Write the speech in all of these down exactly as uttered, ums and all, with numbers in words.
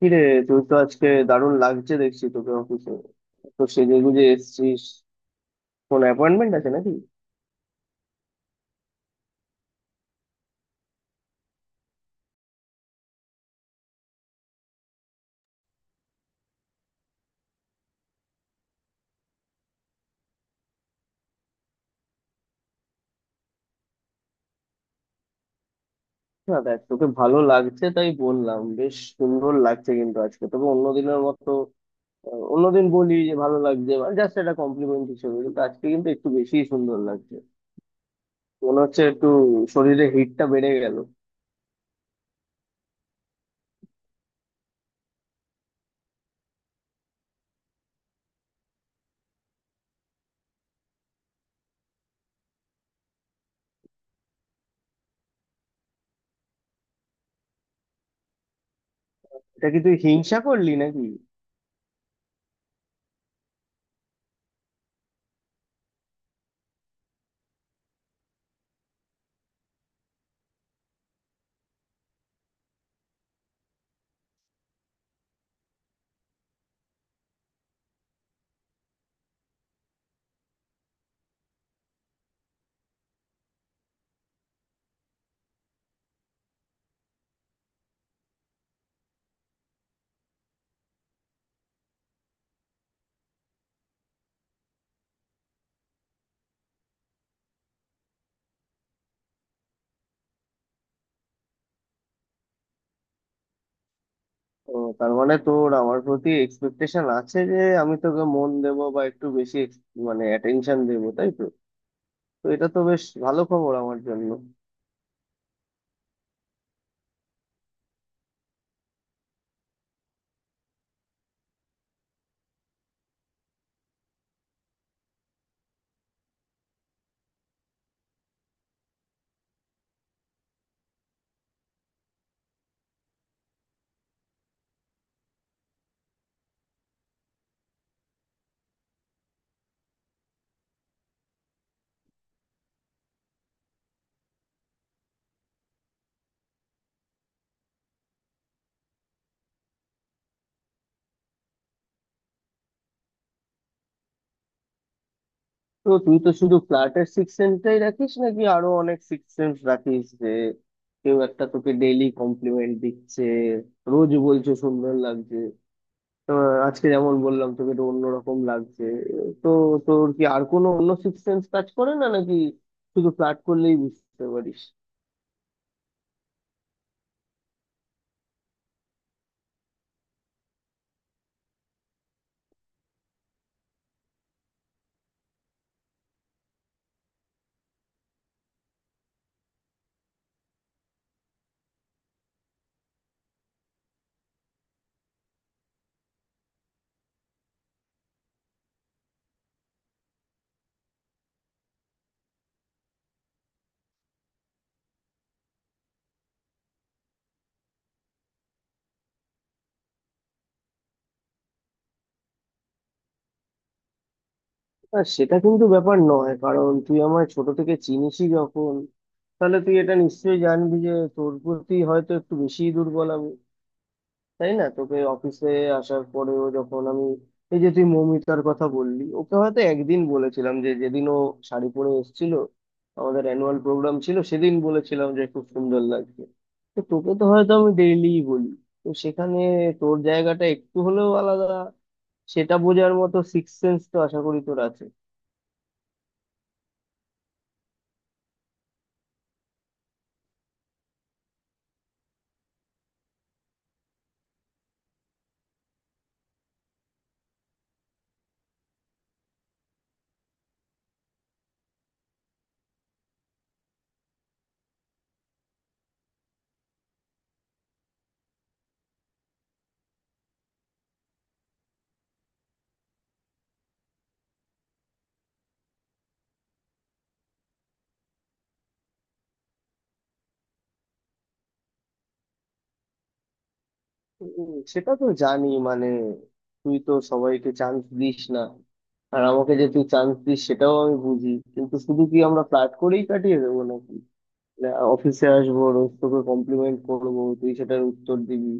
কিরে তুই তো আজকে দারুণ লাগছে দেখছি তোকে অফিসে তো সেজে গুজে এসেছিস। কোন অ্যাপয়েন্টমেন্ট আছে নাকি? না দেখ, তোকে ভালো লাগছে তাই বললাম, বেশ সুন্দর লাগছে, কিন্তু আজকে তোকে অন্যদিনের মতো আহ, অন্যদিন বলি যে ভালো লাগছে জাস্ট একটা কমপ্লিমেন্ট হিসেবে, কিন্তু আজকে কিন্তু একটু বেশি সুন্দর লাগছে। মনে হচ্ছে একটু শরীরে হিটটা বেড়ে গেল। এটা কি তুই হিংসা করলি নাকি? ও, তার মানে তোর আমার প্রতি এক্সপেকটেশন আছে যে আমি তোকে মন দেবো বা একটু বেশি ex- মানে অ্যাটেনশন দেবো, তাই তো? তো এটা তো বেশ ভালো খবর আমার জন্য। তো তুই তো শুধু ফ্ল্যাটের সিক্স সেন্সটাই রাখিস নাকি আরো অনেক সিক্স সেন্স রাখিস যে কেউ একটা তোকে ডেইলি কমপ্লিমেন্ট দিচ্ছে, রোজ বলছে সুন্দর লাগছে? তো আজকে যেমন বললাম তোকে তো অন্যরকম লাগছে, তো তোর কি আর কোনো অন্য সিক্স সেন্স কাজ করে না নাকি? শুধু ফ্ল্যাট করলেই বুঝতে পারিস? না সেটা কিন্তু ব্যাপার নয়, কারণ তুই আমায় ছোট থেকে চিনিসই যখন, তাহলে তুই এটা নিশ্চয়ই জানবি যে তোর প্রতি হয়তো একটু বেশি দুর্বল, তাই না? তোকে অফিসে আসার পরেও যখন আমি এই যে তুই মৌমিতার কথা বললি, ওকে হয়তো একদিন বলেছিলাম, যে যেদিন ও শাড়ি পরে এসেছিল, আমাদের অ্যানুয়াল প্রোগ্রাম ছিল সেদিন বলেছিলাম যে খুব সুন্দর লাগছে। তো তোকে তো হয়তো আমি ডেইলি বলি, তো সেখানে তোর জায়গাটা একটু হলেও আলাদা, সেটা বোঝার মতো সিক্স সেন্স তো আশা করি তোর আছে। উম, সেটা তো জানি, মানে তুই তো সবাইকে চান্স দিস না, আর আমাকে যে তুই চান্স দিস সেটাও আমি বুঝি। কিন্তু শুধু কি আমরা ফ্লার্ট করেই কাটিয়ে দেবো নাকি? মানে অফিসে আসবো, রোজ তোকে কমপ্লিমেন্ট করবো, তুই সেটার উত্তর দিবি,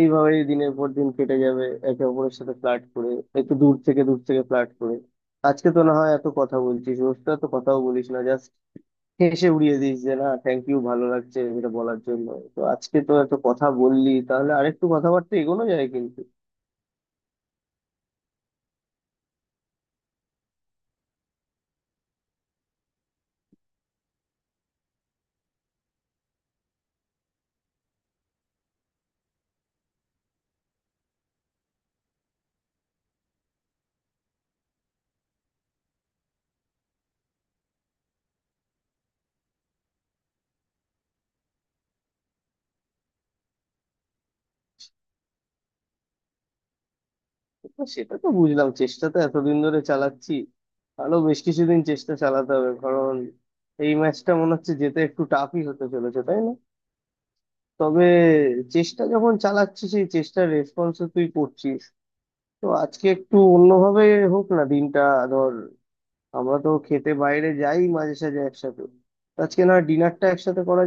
এইভাবেই দিনের পর দিন কেটে যাবে একে অপরের সাথে ফ্লার্ট করে, একটু দূর থেকে দূর থেকে ফ্লার্ট করে? আজকে তো না হয় এত কথা বলছিস, রোজটা তো কথাও বলিস না, জাস্ট হেসে উড়িয়ে দিস যে না, থ্যাংক ইউ, ভালো লাগছে এটা বলার জন্য। তো আজকে তো এত কথা বললি, তাহলে আরেকটু কথাবার্তা এগোনো যায় কিন্তু। তো সেটা তো বুঝলাম, চেষ্টা তো এতদিন ধরে চালাচ্ছি, আরো বেশ কিছুদিন চেষ্টা চালাতে হবে, কারণ এই ম্যাচটা মনে হচ্ছে যেতে একটু টাফই হতে চলেছে, তাই না? তবে চেষ্টা যখন চালাচ্ছি, সেই চেষ্টার রেসপন্স তুই করছিস, তো আজকে একটু অন্যভাবে হোক না দিনটা। ধর, আমরা তো খেতে বাইরে যাই মাঝে সাঝে একসাথে, তো আজকে না ডিনারটা একসাথে করা।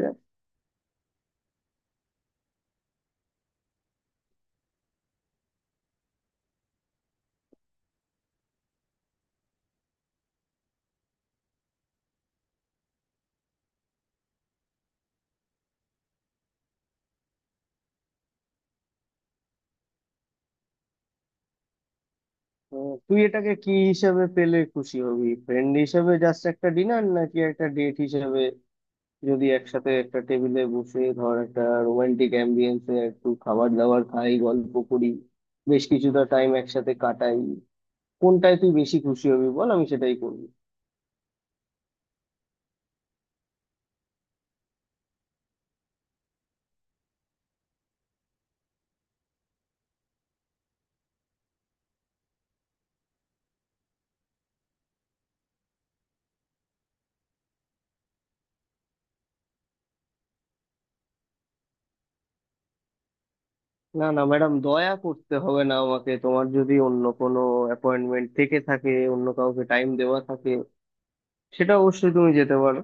আহ, তুই এটাকে কি হিসাবে পেলে খুশি হবি, ফ্রেন্ড হিসাবে জাস্ট একটা ডিনার নাকি একটা ডেট হিসাবে? যদি একসাথে একটা টেবিলে বসে, ধর, একটা রোমান্টিক অ্যাম্বিয়েন্সে একটু খাবার দাবার খাই, গল্প করি, বেশ কিছুটা টাইম একসাথে কাটাই, কোনটায় তুই বেশি খুশি হবি বল, আমি সেটাই করবি। না না ম্যাডাম, দয়া করতে হবে না আমাকে। তোমার যদি অন্য কোনো অ্যাপয়েন্টমেন্ট থেকে থাকে, অন্য কাউকে টাইম দেওয়া থাকে, সেটা অবশ্যই তুমি যেতে পারো।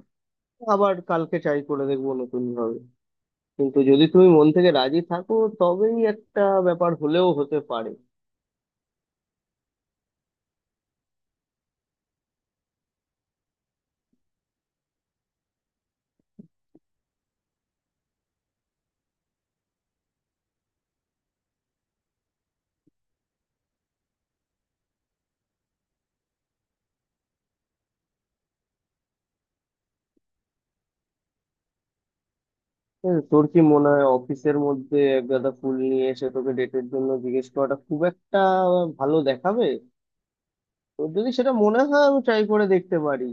আবার কালকে ট্রাই করে দেখবো নতুন ভাবে। কিন্তু যদি তুমি মন থেকে রাজি থাকো, তবেই একটা ব্যাপার হলেও হতে পারে। হ্যাঁ, তোর কি মনে হয় অফিসের মধ্যে এক গাদা ফুল নিয়ে এসে তোকে ডেটের জন্য জিজ্ঞেস করাটা খুব একটা ভালো দেখাবে? তোর যদি সেটা মনে হয়, আমি ট্রাই করে দেখতে পারি।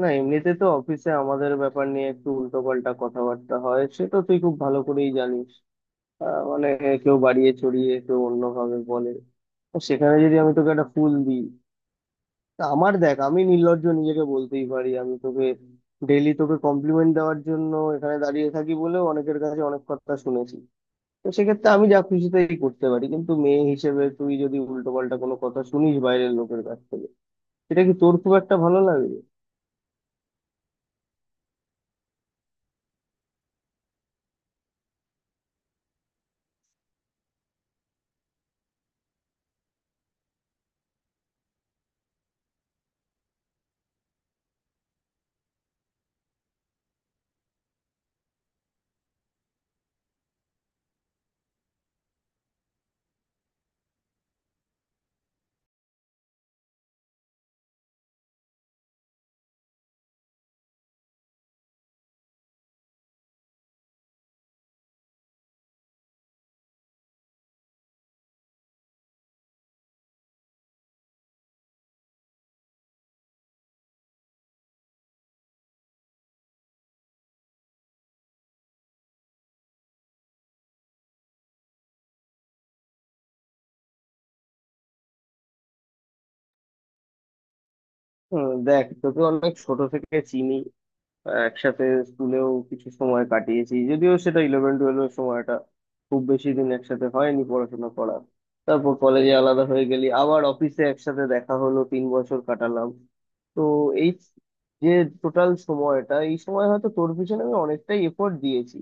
না এমনিতে তো অফিসে আমাদের ব্যাপার নিয়ে একটু উল্টোপাল্টা কথাবার্তা হয়, সে তো তুই খুব ভালো করেই জানিস। আহ, মানে কেউ বাড়িয়ে চড়িয়ে, কেউ অন্যভাবে বলে। তো সেখানে যদি আমি তোকে একটা ফুল দিই, তা আমার দেখ, আমি নির্লজ্জ নিজেকে বলতেই পারি, আমি তোকে ডেইলি তোকে কমপ্লিমেন্ট দেওয়ার জন্য এখানে দাঁড়িয়ে থাকি বলেও অনেকের কাছে অনেক কথা শুনেছি। তো সেক্ষেত্রে আমি যা খুশি তাই করতে পারি, কিন্তু মেয়ে হিসেবে তুই যদি উল্টো পাল্টা কোনো কথা শুনিস বাইরের লোকের কাছ থেকে, সেটা কি তোর খুব একটা ভালো লাগবে? হুম, দেখ তোকে অনেক ছোট থেকে চিনি, একসাথে স্কুলেও কিছু সময় কাটিয়েছি, যদিও সেটা ইলেভেন টুয়েলভের সময়টা, খুব বেশি দিন একসাথে হয়নি পড়াশোনা করা। তারপর কলেজে আলাদা হয়ে গেলি, আবার অফিসে একসাথে দেখা হলো, তিন বছর কাটালাম। তো এই যে টোটাল সময়টা, এই সময় হয়তো তোর পিছনে আমি অনেকটাই এফোর্ট দিয়েছি।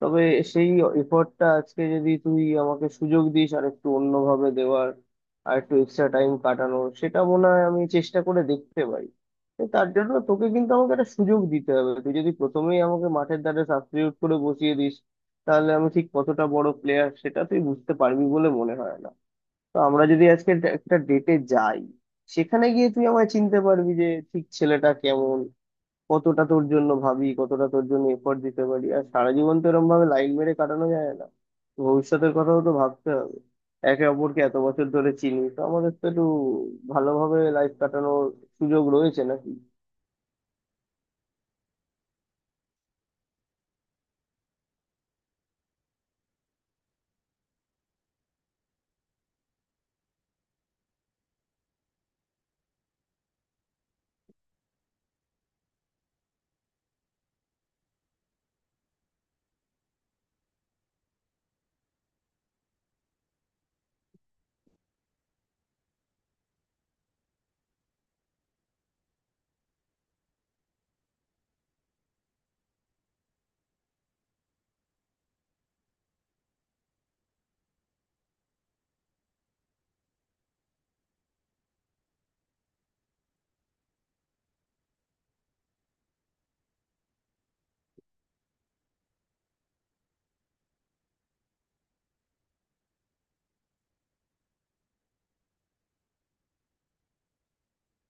তবে সেই এফোর্টটা আজকে যদি তুই আমাকে সুযোগ দিস আর একটু অন্যভাবে দেওয়ার, আর একটু এক্সট্রা টাইম কাটানোর, সেটা মনে হয় আমি চেষ্টা করে দেখতে পারি। তো তার জন্য তোকে কিন্তু আমাকে একটা সুযোগ দিতে হবে। তুই যদি প্রথমেই আমাকে মাঠের ধারে সাবস্টিটিউট করে বসিয়ে দিস, তাহলে আমি ঠিক কতটা বড় প্লেয়ার সেটা তুই বুঝতে পারবি বলে মনে হয় না। তো আমরা যদি আজকে একটা ডেটে যাই, সেখানে গিয়ে তুই আমায় চিনতে পারবি যে ঠিক ছেলেটা কেমন, কতটা তোর জন্য ভাবি, কতটা তোর জন্য এফোর্ট দিতে পারি। আর সারা জীবন তো এরকম ভাবে লাইন মেরে কাটানো যায় না, ভবিষ্যতের কথাও তো ভাবতে হবে। একে অপরকে এত বছর ধরে চিনি, তো আমাদের তো একটু ভালোভাবে লাইফ কাটানোর সুযোগ রয়েছে নাকি?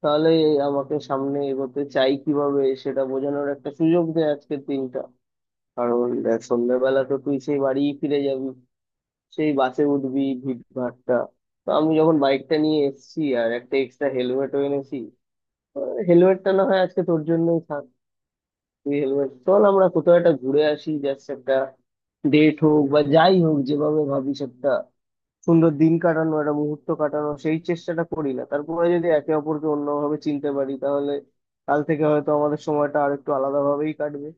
তাহলে এই আমাকে সামনে এগোতে চাই কিভাবে সেটা বোঝানোর একটা সুযোগ দেয় আজকের দিনটা। কারণ দেখ, সন্ধ্যাবেলা তো তুই সেই বাড়ি ফিরে যাবি, সেই বাসে উঠবি, ভিড় ভাট্টা। তো আমি যখন বাইকটা নিয়ে এসেছি আর একটা এক্সট্রা হেলমেটও এনেছি, হেলমেটটা না হয় আজকে তোর জন্যই থাক। তুই হেলমেট চল, আমরা কোথাও একটা ঘুরে আসি, জাস্ট একটা ডেট হোক বা যাই হোক, যেভাবে ভাবিস, একটা সুন্দর দিন কাটানো, একটা মুহূর্ত কাটানো, সেই চেষ্টাটা করি না? তারপরে যদি একে অপরকে অন্যভাবে চিনতে পারি, তাহলে কাল থেকে হয়তো আমাদের সময়টা আর একটু আলাদাভাবেই কাটবে।